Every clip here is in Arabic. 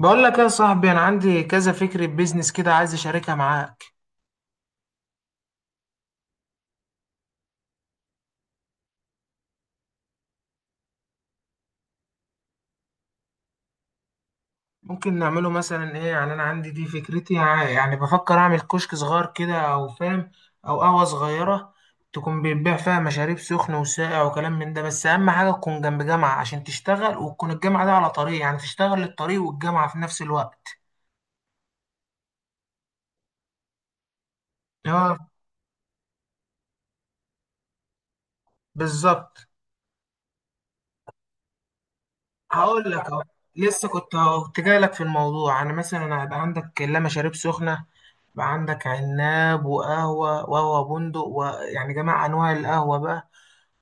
بقول لك يا صاحبي، انا عندي كذا فكرة بيزنس كده عايز اشاركها معاك. ممكن نعمله مثلا ايه؟ يعني انا عندي دي فكرتي، يعني بفكر اعمل كشك صغير كده او فاهم، او قهوة صغيرة. تكون بيتباع فيها مشاريب سخن وساقع وكلام من ده، بس اهم حاجة تكون جنب جامعة عشان تشتغل، وتكون الجامعة دي على طريق، يعني تشتغل الطريق والجامعة في نفس الوقت. اه، بالظبط. هقول لك اهو، لسه كنت اهو كنت جاي لك في الموضوع. انا مثلا هيبقى عندك لا مشاريب سخنه، يبقى عندك عناب وقهوه وقهوه بندق، ويعني جميع انواع القهوه بقى.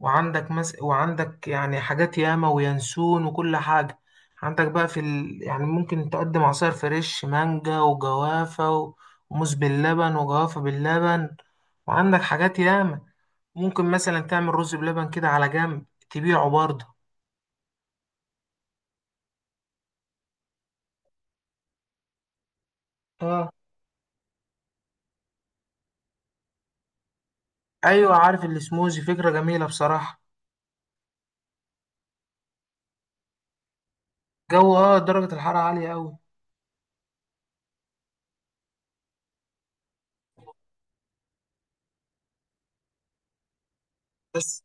وعندك يعني حاجات ياما وينسون وكل حاجه. عندك بقى يعني ممكن تقدم عصير فريش مانجا وجوافه، وموز باللبن وجوافه باللبن. وعندك حاجات ياما، ممكن مثلا تعمل رز بلبن كده على جنب تبيعه برضه. ايوه، عارف السموزي، فكره جميله بصراحه. جو، درجه الحراره عاليه قوي. بس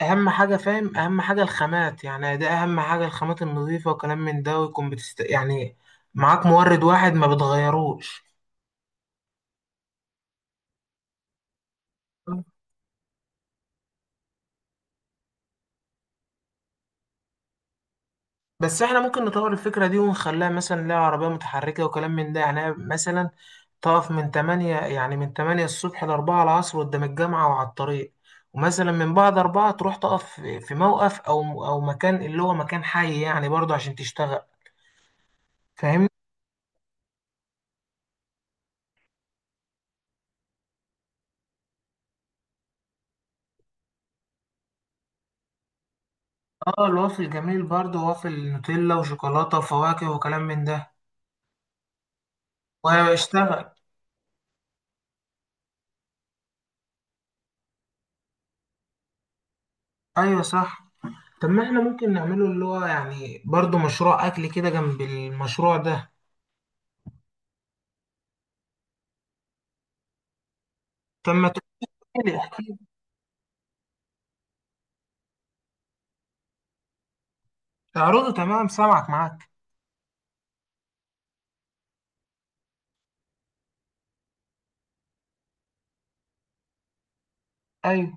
اهم حاجه، فاهم؟ اهم حاجه الخامات، يعني ده اهم حاجه، الخامات النظيفه وكلام من ده، ويكون يعني معاك مورد واحد ما بتغيروش. بس احنا ممكن نطور الفكره دي ونخليها مثلا ليها عربيه متحركه وكلام من ده، يعني مثلا تقف من 8، يعني من 8 الصبح ل 4 العصر قدام الجامعه وعلى الطريق. ومثلا من بعد 4 تروح تقف في موقف او مكان اللي هو مكان حي يعني برضه عشان تشتغل. فاهمني؟ اه، الوافل جميل برضه، وافل نوتيلا وشوكولاته وفواكه وكلام من ده، واشتغل. ايوه صح. طب ما احنا ممكن نعمله اللي هو يعني برضه مشروع اكل كده جنب المشروع ده. طب ما تقولي احكي لي. تعرضه، تمام سامعك معاك. ايوه،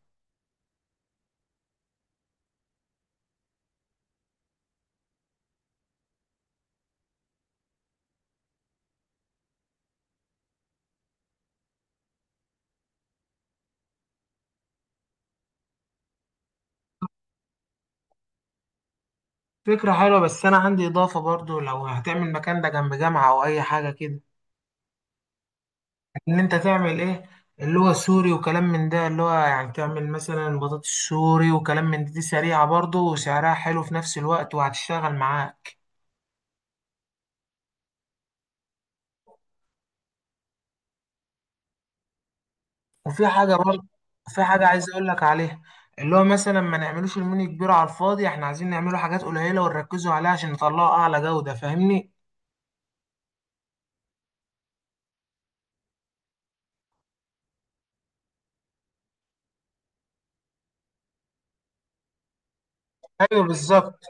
فكرة حلوة، بس أنا عندي إضافة برضه. لو هتعمل مكان ده جنب جامعة أو أي حاجة كده، إن أنت تعمل إيه؟ اللي هو سوري وكلام من ده، اللي هو يعني تعمل مثلا بطاطس سوري وكلام من ده، دي سريعة برضه وسعرها حلو في نفس الوقت، وهتشتغل معاك. وفي حاجة برضه، في حاجة عايز أقول لك عليها. اللي هو مثلا ما نعملوش المنيو كبير على الفاضي، احنا عايزين نعمله حاجات قليلة ونركزوا عليها عشان نطلعه أعلى جودة. فاهمني؟ أيوه بالظبط.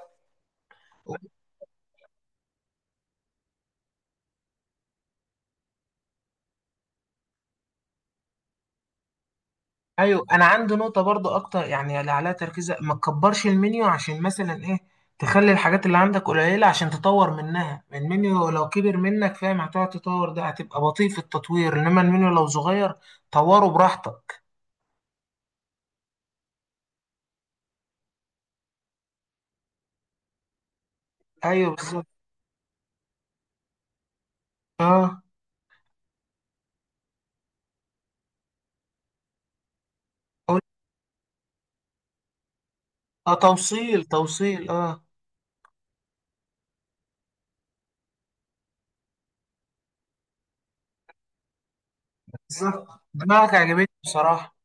أيوه، أنا عندي نقطة برضه أكتر، يعني اللي عليها تركيز ما تكبرش المنيو، عشان مثلا إيه، تخلي الحاجات اللي عندك قليلة عشان تطور منها المنيو. لو كبر منك فاهم، هتقعد تطور، ده هتبقى بطيء في التطوير. إنما المنيو لو صغير، طوره براحتك. أيوه بالظبط. أه. أقول- آه، توصيل توصيل، أه. بالظبط، دماغك عجبتني بصراحة.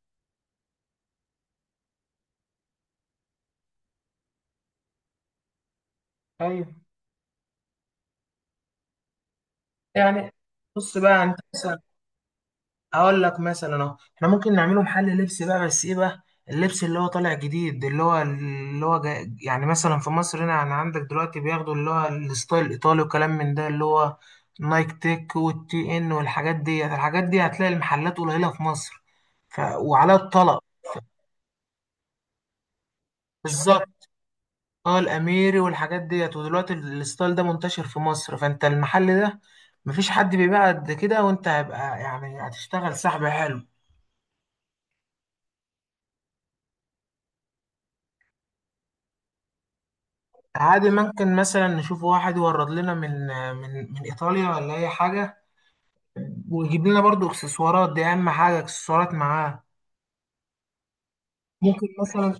ايوه يعني. بص بقى، يعني انت مثلا، هقول لك مثلا اهو، احنا ممكن نعمله محل لبس بقى، بس ايه بقى؟ اللبس اللي هو طالع جديد، اللي هو جاي يعني. مثلا في مصر هنا، يعني عندك دلوقتي بياخدوا اللي هو الستايل الايطالي وكلام من ده، اللي هو نايك تيك والتي ان والحاجات دي. الحاجات دي هتلاقي المحلات قليلة في مصر، وعلى الطلب. بالظبط. اه، الاميري والحاجات ديت. ودلوقتي الستايل ده منتشر في مصر، فانت المحل ده مفيش حد بيبيع قد كده، وانت هيبقى يعني هتشتغل سحب حلو. عادي، ممكن مثلا نشوف واحد يورد لنا من ايطاليا ولا اي حاجه، ويجيب لنا برضو اكسسوارات. دي اهم حاجه، اكسسوارات معاه. ممكن مثلا،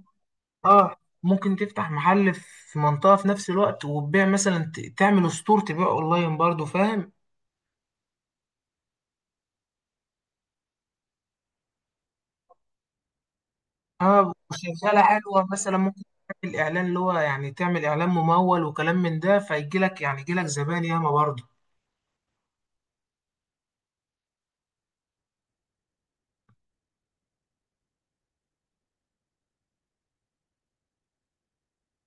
اه ممكن تفتح محل في منطقه في نفس الوقت، وتبيع مثلا، تعمل ستور تبيع اونلاين برضو. فاهم؟ اه، وشغاله حلوه. مثلا ممكن تعمل اعلان، اللي هو يعني تعمل اعلان ممول وكلام من ده، فيجي لك يعني يجي لك زبائن ياما برضه.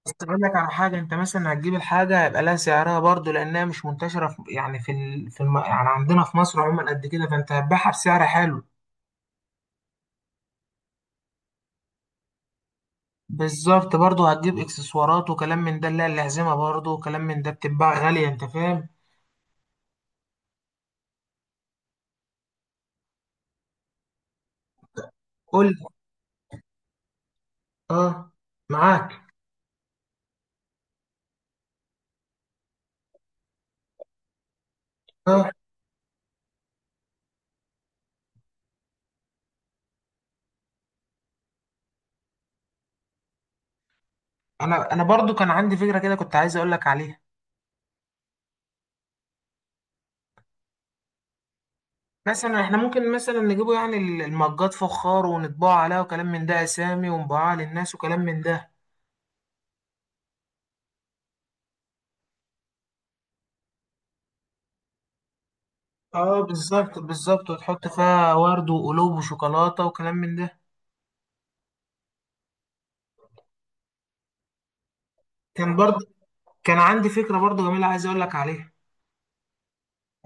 بس اقول لك على حاجه، انت مثلا هتجيب الحاجه هيبقى لها سعرها برضه، لانها مش منتشره في، يعني يعني عندنا في مصر عموما قد كده. فانت هتبيعها بسعر حلو. بالظبط. برضه هتجيب اكسسوارات وكلام من ده، اللي هي الأحزمة برضه وكلام من ده، بتتباع غاليه انت فاهم. قول لي. اه، معاك. اه، انا برضه كان عندي فكره كده، كنت عايز اقول لك عليها. مثلا احنا ممكن مثلا نجيبه، يعني المجات فخار، ونطبعه عليها وكلام من ده، اسامي، ونبيعها للناس وكلام من ده. اه، بالظبط بالظبط، وتحط فيها ورد وقلوب وشوكولاته وكلام من ده. كان برضه. كان عندي فكره برضه جميله، عايز اقول لك عليها.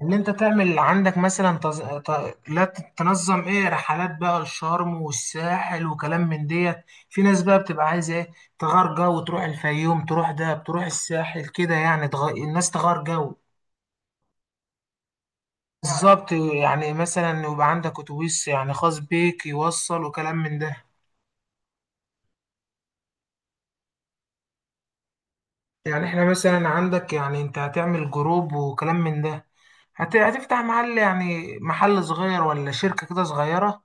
ان انت تعمل عندك مثلا، لا تنظم ايه رحلات بقى الشرم والساحل وكلام من ديت. في ناس بقى بتبقى عايزه ايه، تغير جو، وتروح الفيوم، تروح دهب، تروح الساحل كده. يعني الناس تغير جو. بالظبط. يعني مثلا يبقى عندك اتوبيس يعني خاص بيك يوصل وكلام من ده. يعني احنا مثلا، عندك يعني، انت هتعمل جروب وكلام من ده، هتفتح محل يعني، محل صغير ولا شركة كده صغيرة.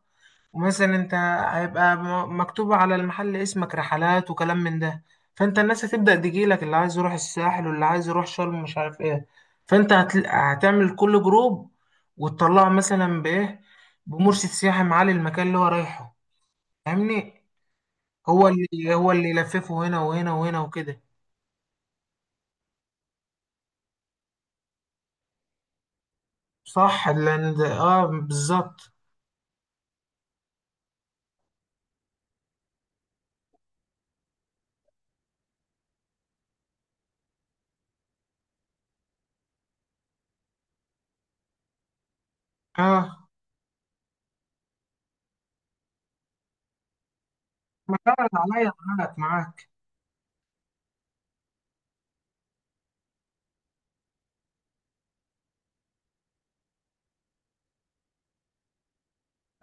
ومثلا انت هيبقى مكتوب على المحل اسمك رحلات وكلام من ده. فانت الناس هتبدأ تجيلك، اللي عايز يروح الساحل واللي عايز يروح شرم مش عارف ايه. فانت هتعمل كل جروب، وتطلعه مثلا بايه، بمرشد سياحي معالي المكان اللي هو رايحه. فاهمني؟ هو اللي هو اللي يلففه هنا وهنا وهنا وكده. صح، لان اه، بالظبط. اه، ما فعلا عليا. معاك معاك.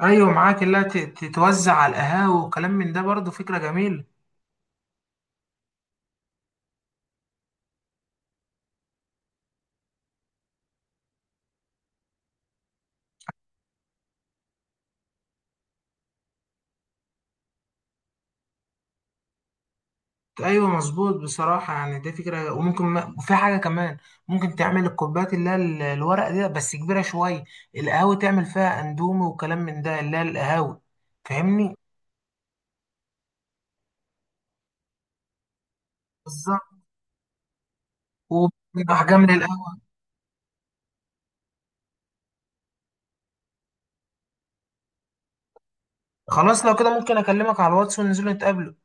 ايوه معاك، اللي هي، تتوزع على القهاوي وكلام من ده برضه. فكره جميله. ايوه مظبوط بصراحه، يعني دي فكره. وممكن ما... وفي حاجه كمان، ممكن تعمل الكوبايات اللي هي الورق دي، بس كبيره شويه، القهاوي تعمل فيها اندومي وكلام من ده، اللي هي القهاوي. فاهمني؟ بالظبط، واحجام للقهوه. خلاص، لو كده ممكن اكلمك على الواتس وننزل نتقابل.